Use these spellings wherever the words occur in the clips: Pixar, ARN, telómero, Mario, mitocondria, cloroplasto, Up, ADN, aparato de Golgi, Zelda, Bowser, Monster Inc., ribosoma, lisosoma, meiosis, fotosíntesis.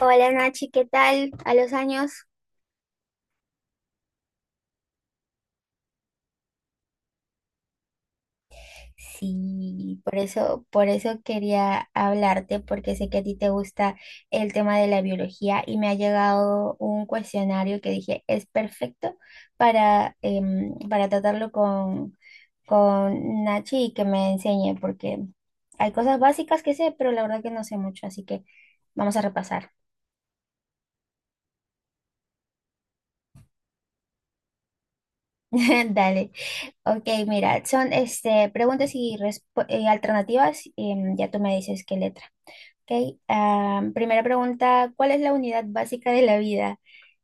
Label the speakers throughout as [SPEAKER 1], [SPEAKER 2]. [SPEAKER 1] Hola Nachi, ¿qué tal? A los años. Sí, por eso quería hablarte, porque sé que a ti te gusta el tema de la biología y me ha llegado un cuestionario que dije es perfecto para, para tratarlo con Nachi y que me enseñe, porque hay cosas básicas que sé, pero la verdad que no sé mucho, así que vamos a repasar. Dale. Ok, mira, son este, preguntas y alternativas. Y, ya tú me dices qué letra. Ok, primera pregunta, ¿cuál es la unidad básica de la vida?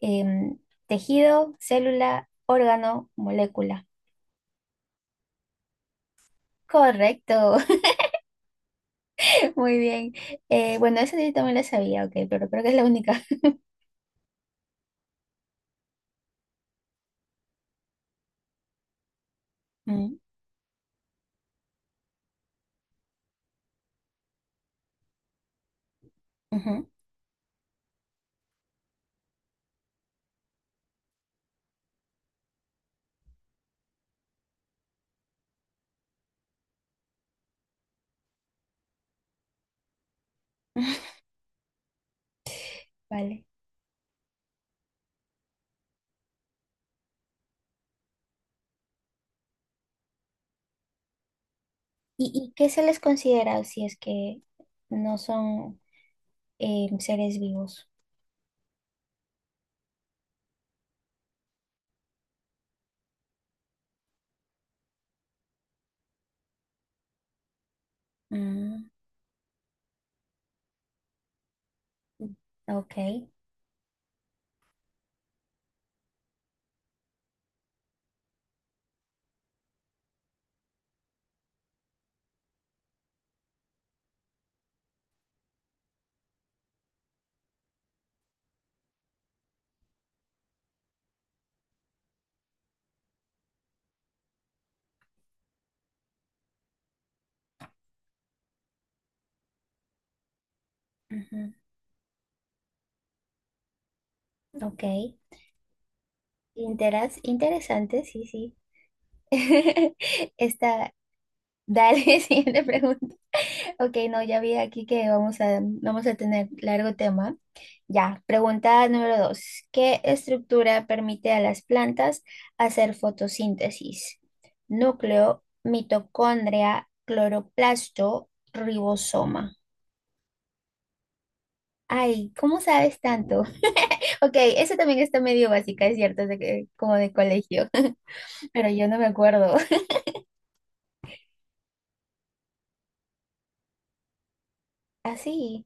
[SPEAKER 1] Em, tejido, célula, órgano, molécula. Correcto, muy bien. Bueno, esa yo también la sabía, ok, pero creo que es la única. Mm, ujú. Vale. Y qué se les considera si es que no son seres vivos? Mm, ok. Ujú, ok. Interesante, sí, sí. Está, dale, siguiente pregunta. Ok, no, ya vi aquí que vamos a tener largo tema. Ya, pregunta número dos. ¿Qué estructura permite a las plantas hacer fotosíntesis? Núcleo, mitocondria, cloroplasto, ribosoma. Ay, ¿cómo sabes tanto? Ok, eso también está medio básica, es cierto, como de colegio, pero yo no me acuerdo. Así.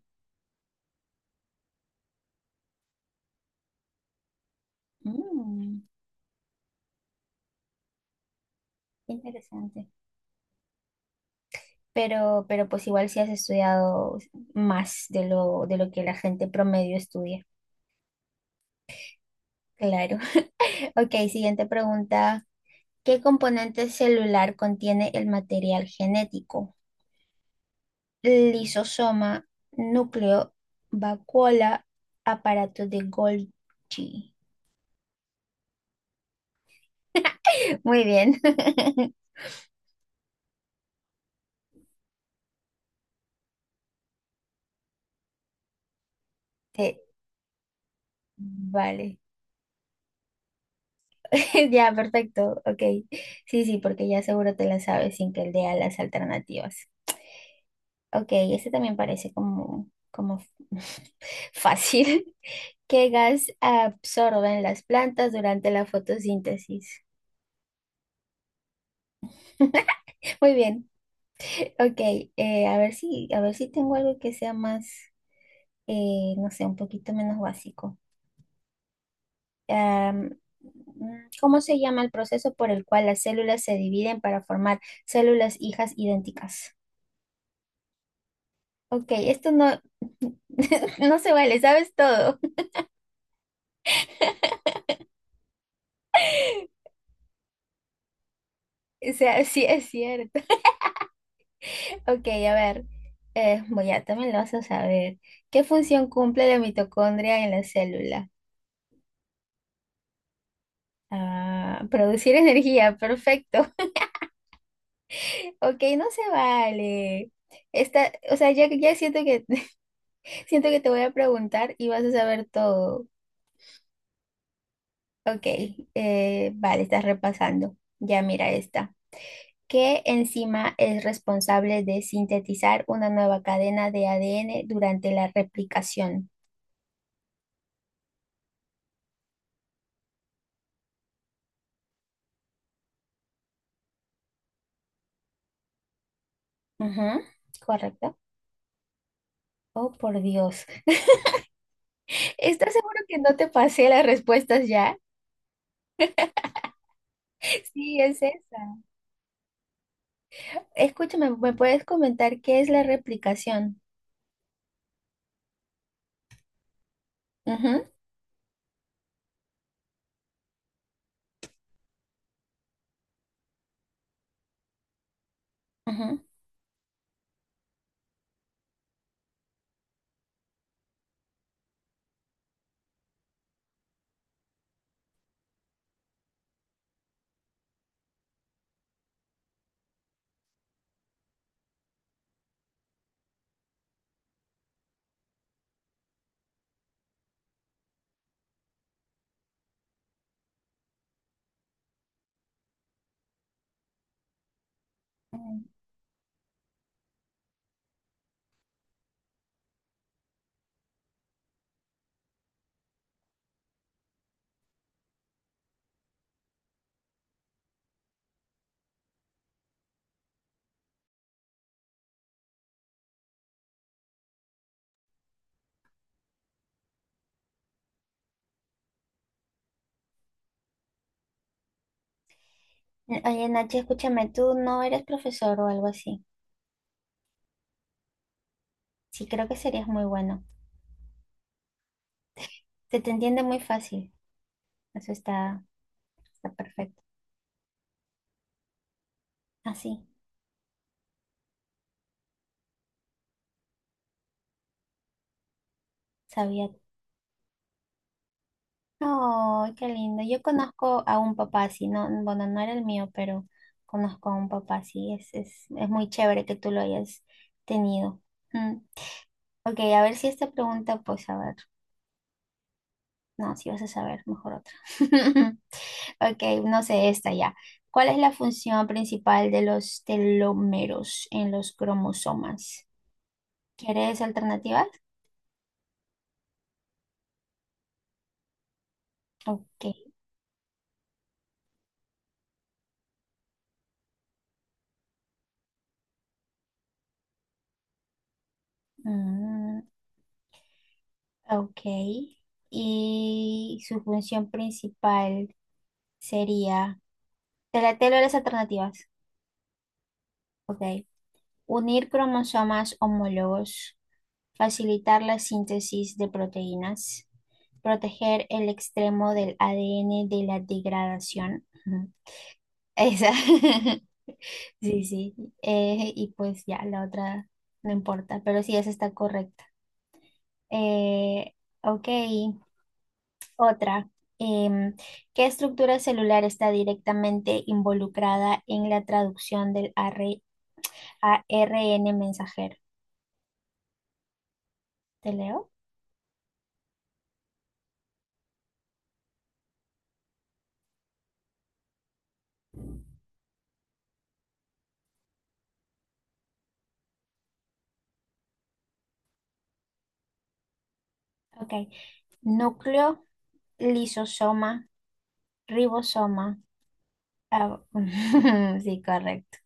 [SPEAKER 1] Mm, qué interesante. Pero pues igual si has estudiado más de lo que la gente promedio estudia. Claro. Ok, siguiente pregunta. ¿Qué componente celular contiene el material genético? Lisosoma, núcleo, vacuola, aparato de Golgi. Muy bien. Te- Vale. Ya, perfecto. Ok. Sí, sí, porque ya seguro te la sabes sin que lea las alternativas. Ok, este también parece como, como fácil. ¿Qué gas absorben las plantas durante la fotosíntesis? Muy bien. Ok, a ver si tengo algo que sea más, no sé, un poquito menos básico. ¿Cómo se llama el proceso por el cual las células se dividen para formar células hijas idénticas? Ok, esto no, no se vale, sabes todo. O sea, sí es cierto. Ok, a ver, voy a, también lo vas a saber. ¿Qué función cumple la mitocondria en la célula? Ah, producir energía, perfecto. Ok, no se vale. Esta, o sea, ya, ya siento que, siento que te voy a preguntar y vas a saber todo. Ok, vale, estás repasando. Ya mira esta. ¿Qué enzima es responsable de sintetizar una nueva cadena de ADN durante la replicación? Ujú, correcto. Oh, por Dios. ¿Estás seguro que no te pasé las respuestas ya? Sí, es esa. Escúchame, ¿me puedes comentar qué es la replicación? Ujú, ujú. Mm. Oye, Nachi, escúchame, tú no eres profesor o algo así. Sí, creo que serías muy bueno. Se te entiende muy fácil. Eso está, está perfecto. Así, sabía. Oh, qué lindo. Yo conozco a un papá así, no, bueno, no era el mío, pero conozco a un papá así. Es muy chévere que tú lo hayas tenido. Mm. Ok, a ver si esta pregunta, pues a ver, no, si vas a saber, mejor otra. Ok, no sé, esta ya. ¿Cuál es la función principal de los telómeros en los cromosomas? ¿Quieres alternativas? Ok. Mm, ok. Y su función principal sería, te leo las alternativas. Ok. Unir cromosomas homólogos, facilitar la síntesis de proteínas, proteger el extremo del ADN de la degradación. Ujú. Esa. Sí, sí. Y pues ya, la otra no importa, pero sí, esa está correcta. Eh, ok, otra. Em, ¿Qué estructura celular está directamente involucrada en la traducción del AR ARN mensajero? ¿Te leo? Ok. Núcleo, lisosoma, ribosoma. Ah, sí, correcto.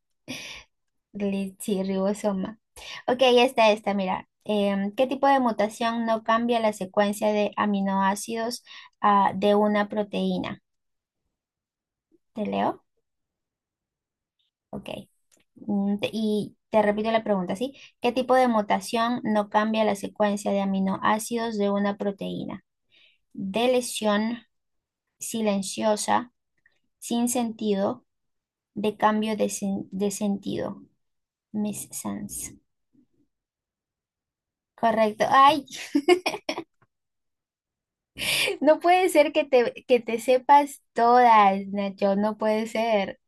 [SPEAKER 1] Sí, ribosoma. Ok, mira. ¿Qué tipo de mutación no cambia la secuencia de aminoácidos de una proteína? ¿Te leo? Ok. Mm, y te repito la pregunta, ¿sí? ¿Qué tipo de mutación no cambia la secuencia de aminoácidos de una proteína? De lesión, silenciosa, sin sentido, de cambio de, de sentido. Miss Sans. Correcto. Ay, no puede ser que te sepas todas, Nacho, no puede ser.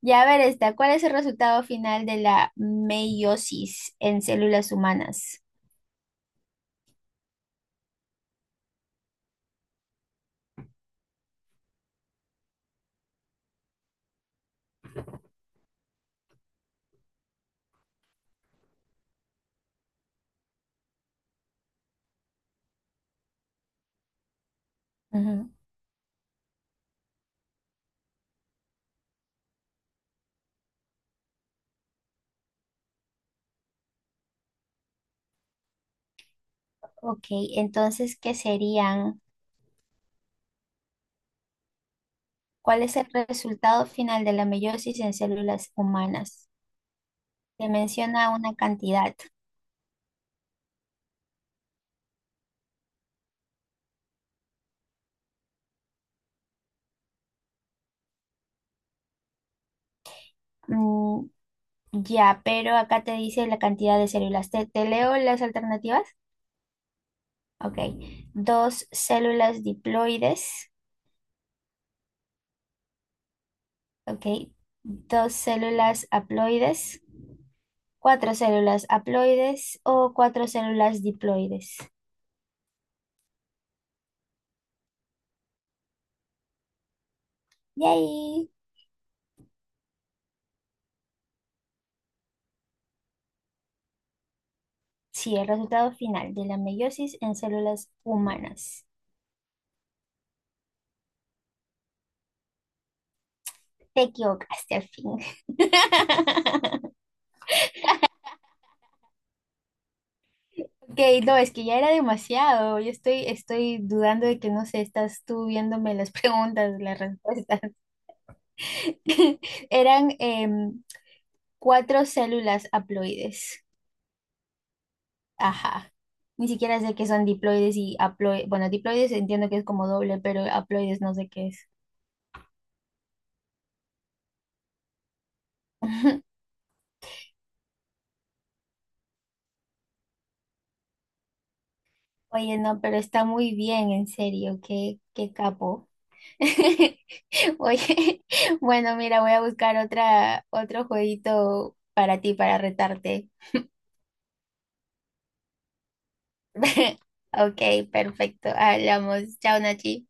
[SPEAKER 1] Ya a ver esta, ¿cuál es el resultado final de la meiosis en células humanas? Ujú. Ok, entonces, ¿qué serían? ¿Cuál es el resultado final de la meiosis en células humanas? Te menciona una cantidad. Mm, ya, pero acá te dice la cantidad de células. ¿Te, te leo las alternativas? Ok. Dos células diploides. Ok. Dos células haploides. Cuatro células haploides o cuatro células diploides. Yay. Sí, el resultado final de la meiosis en células humanas. Te equivocaste al fin. Ok, no, es que ya era demasiado. Yo estoy, estoy dudando de que, no sé, estás tú viéndome las preguntas, las respuestas. Eran cuatro células haploides. Ajá. Ni siquiera sé qué son diploides y haploides. Bueno, diploides entiendo que es como doble, pero haploides no sé qué es. Oye, no, pero está muy bien, en serio, qué, qué capo. Oye, bueno, mira, voy a buscar otra, otro jueguito para ti, para retarte. Ok, perfecto. Hablamos. Chao, Nachi.